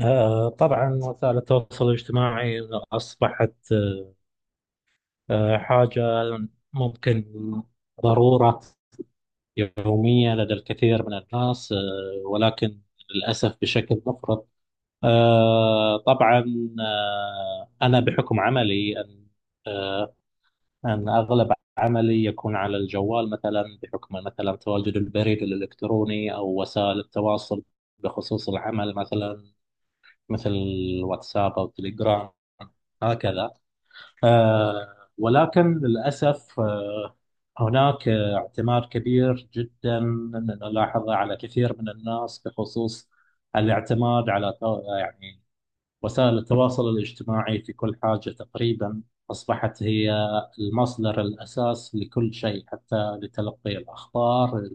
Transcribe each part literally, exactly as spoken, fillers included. آه، طبعا وسائل التواصل الاجتماعي أصبحت آه، حاجة ممكن ضرورة يومية لدى الكثير من الناس، آه، ولكن للأسف بشكل مفرط. آه، طبعا آه، أنا بحكم عملي أن آه، أن أغلب عملي يكون على الجوال مثلا، بحكم مثلا تواجد البريد الإلكتروني أو وسائل التواصل بخصوص العمل، مثلا مثل الواتساب أو تليجرام هكذا. آه، ولكن للأسف آه، هناك آه، اعتماد كبير جدا نلاحظه على كثير من الناس، بخصوص الاعتماد على تو- يعني وسائل التواصل الاجتماعي في كل حاجة تقريبا. أصبحت هي المصدر الأساس لكل شيء، حتى لتلقي الأخبار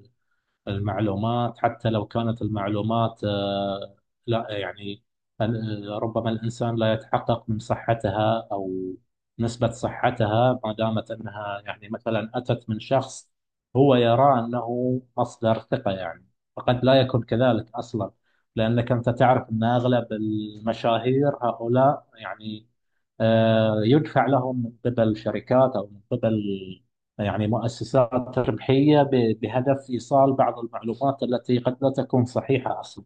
المعلومات، حتى لو كانت المعلومات آه، لا يعني ال- ربما الإنسان لا يتحقق من صحتها أو نسبة صحتها، ما دامت أنها يعني مثلا أتت من شخص هو يرى أنه مصدر ثقة يعني، فقد لا يكون كذلك أصلا. لأنك أنت تعرف أن أغلب المشاهير هؤلاء يعني آه، يدفع لهم من قبل شركات أو من قبل يعني مؤسسات ربحية، ب- بهدف إيصال بعض المعلومات التي قد لا تكون صحيحة أصلا.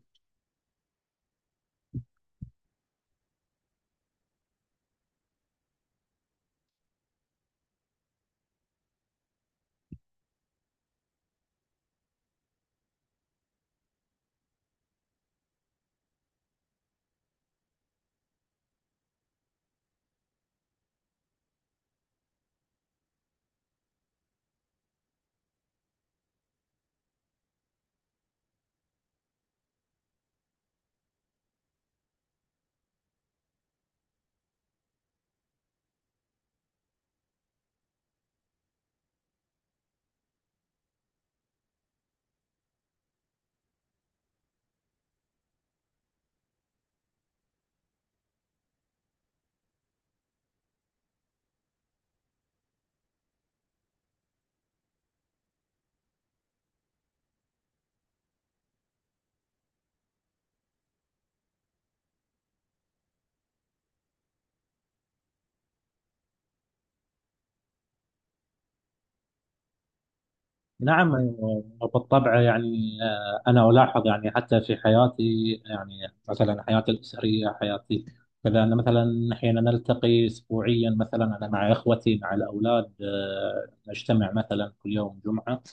نعم، أيوة. بالطبع يعني، آه، أنا ألاحظ يعني حتى في حياتي، يعني مثلا حياتي الأسرية، حياتي كذا. أنا مثلا حين نلتقي أسبوعيا، مثلا أنا مع إخوتي مع الأولاد، آه، نجتمع مثلا كل يوم جمعة.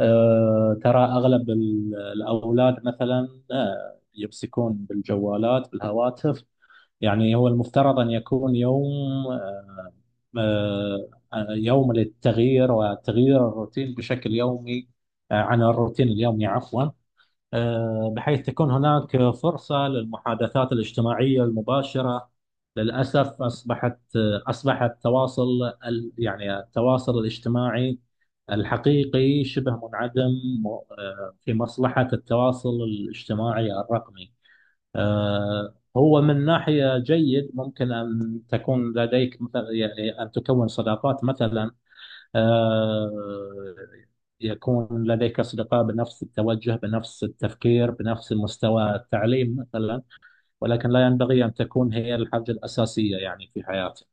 آه، ترى أغلب ال- الأولاد مثلا آه، يمسكون بالجوالات بالهواتف. يعني هو المفترض أن يكون يوم آه، آه، يوم للتغيير وتغيير الروتين بشكل يومي، آه، عن الروتين اليومي، عفوا، آه، بحيث تكون هناك فرصة للمحادثات الاجتماعية المباشرة. للأسف أصبحت أصبح التواصل ال- يعني التواصل الاجتماعي الحقيقي شبه منعدم آه، في مصلحة التواصل الاجتماعي الرقمي. آه، هو من ناحية جيد، ممكن أن تكون لديك مثلا يعني أن تكون صداقات مثلا، آه، يكون لديك أصدقاء بنفس التوجه، بنفس التفكير، بنفس مستوى التعليم مثلا، ولكن لا ينبغي أن تكون هي الحاجة الأساسية يعني في حياتك.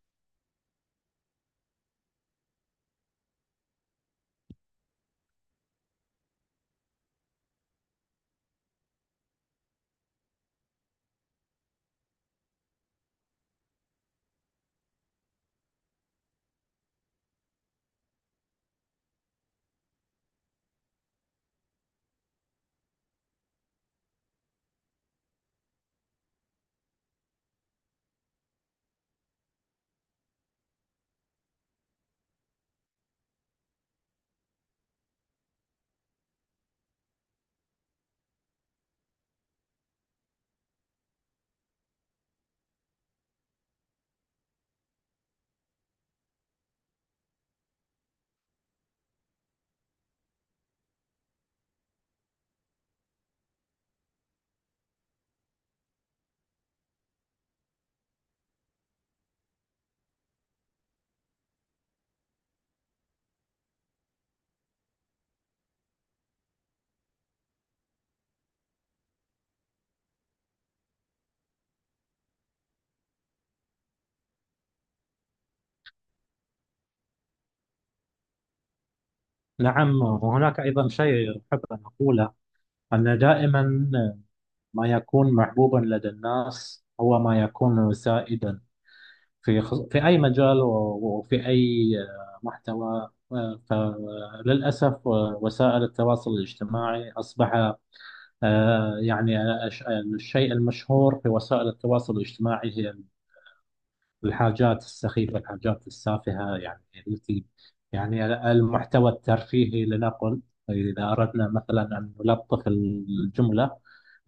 نعم، وهناك أيضا شيء أحب أن أقوله، أن دائما ما يكون محبوبا لدى الناس هو ما يكون سائدا في خص- في أي مجال و- وفي أي آه، محتوى. آه، فللأسف آه، وسائل التواصل الاجتماعي أصبح آه، يعني آه، الشيء المشهور في وسائل التواصل الاجتماعي هي الحاجات السخيفة، الحاجات السافهة، يعني التي يعني المحتوى الترفيهي، لنقل إذا أردنا مثلا أن نلطف الجملة،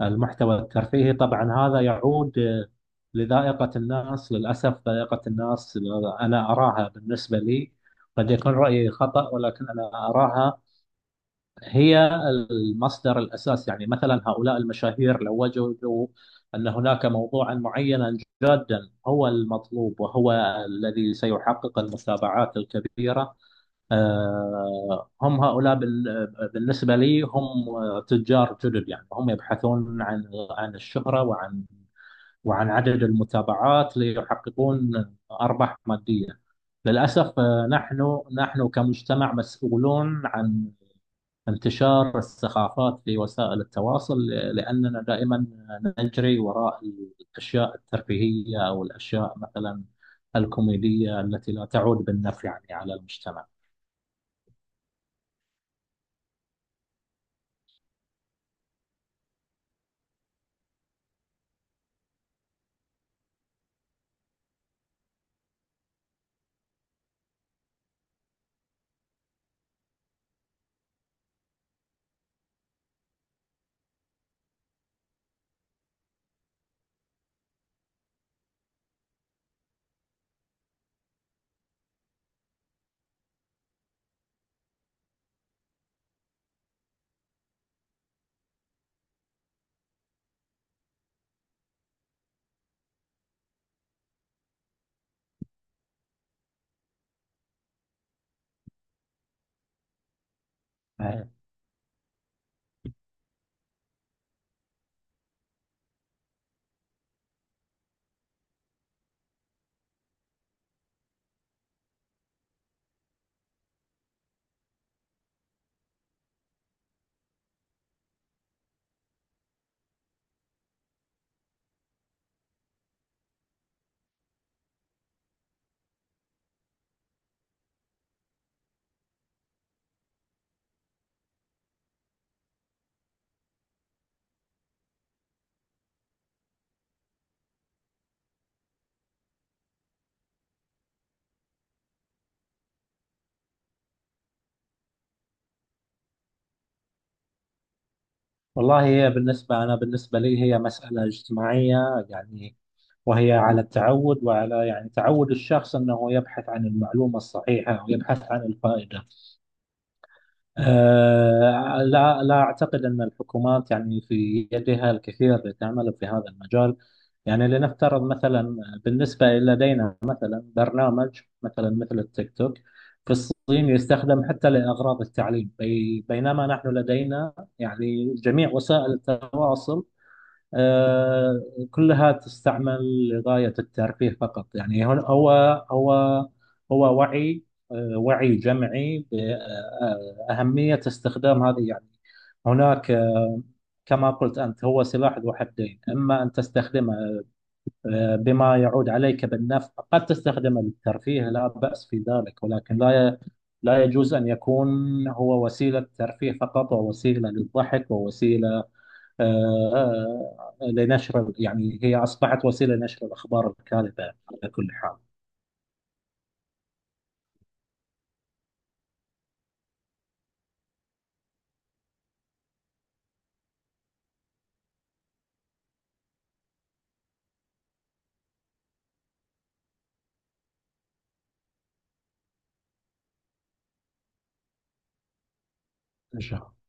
المحتوى الترفيهي. طبعا هذا يعود آه، لذائقة الناس. للأسف ذائقة الناس، آه، أنا أراها بالنسبة لي، قد يكون رأيي خطأ، ولكن أنا أراها هي المصدر الأساس. يعني مثلا هؤلاء المشاهير لو وجدوا أن هناك موضوعا معينا جادا هو المطلوب، وهو الذي سيحقق المتابعات الكبيرة، آه، هم هؤلاء بال- بالنسبة لي هم تجار جدد يعني، هم يبحثون عن عن الشهرة، وعن وعن عدد المتابعات، ليحققون أرباح مادية. للأسف آه، نحن نحن كمجتمع مسؤولون عن انتشار الثقافات في وسائل التواصل، لأننا دائما نجري وراء الأشياء الترفيهية، أو الأشياء مثلا الكوميدية، التي لا تعود بالنفع يعني على المجتمع. آه. والله هي بالنسبة، أنا بالنسبة لي هي مسألة اجتماعية يعني، وهي على التعود، وعلى يعني تعود الشخص أنه يبحث عن المعلومة الصحيحة ويبحث عن الفائدة. آه، لا، لا أعتقد أن الحكومات يعني في يدها الكثير لتعمل في هذا المجال. يعني لنفترض مثلا بالنسبة لدينا مثلا برنامج مثلا مثل التيك توك في الصين، يستخدم حتى لأغراض التعليم، بي- بينما نحن لدينا يعني جميع وسائل التواصل آه، كلها تستعمل لغاية الترفيه فقط. يعني هو هو هو هو وعي، آه، وعي جمعي بأهمية استخدام هذه يعني. هناك آه، كما قلت أنت، هو سلاح ذو حدين، إما أن تستخدمه آه، بما يعود عليك بالنفع، قد تستخدمه للترفيه لا بأس في ذلك، ولكن لا ي- لا يجوز أن يكون هو وسيلة ترفيه فقط، ووسيلة للضحك، ووسيلة آه، آه، آه، لنشر، يعني هي أصبحت وسيلة لنشر الأخبار الكاذبة على كل حال. إن شاء الله.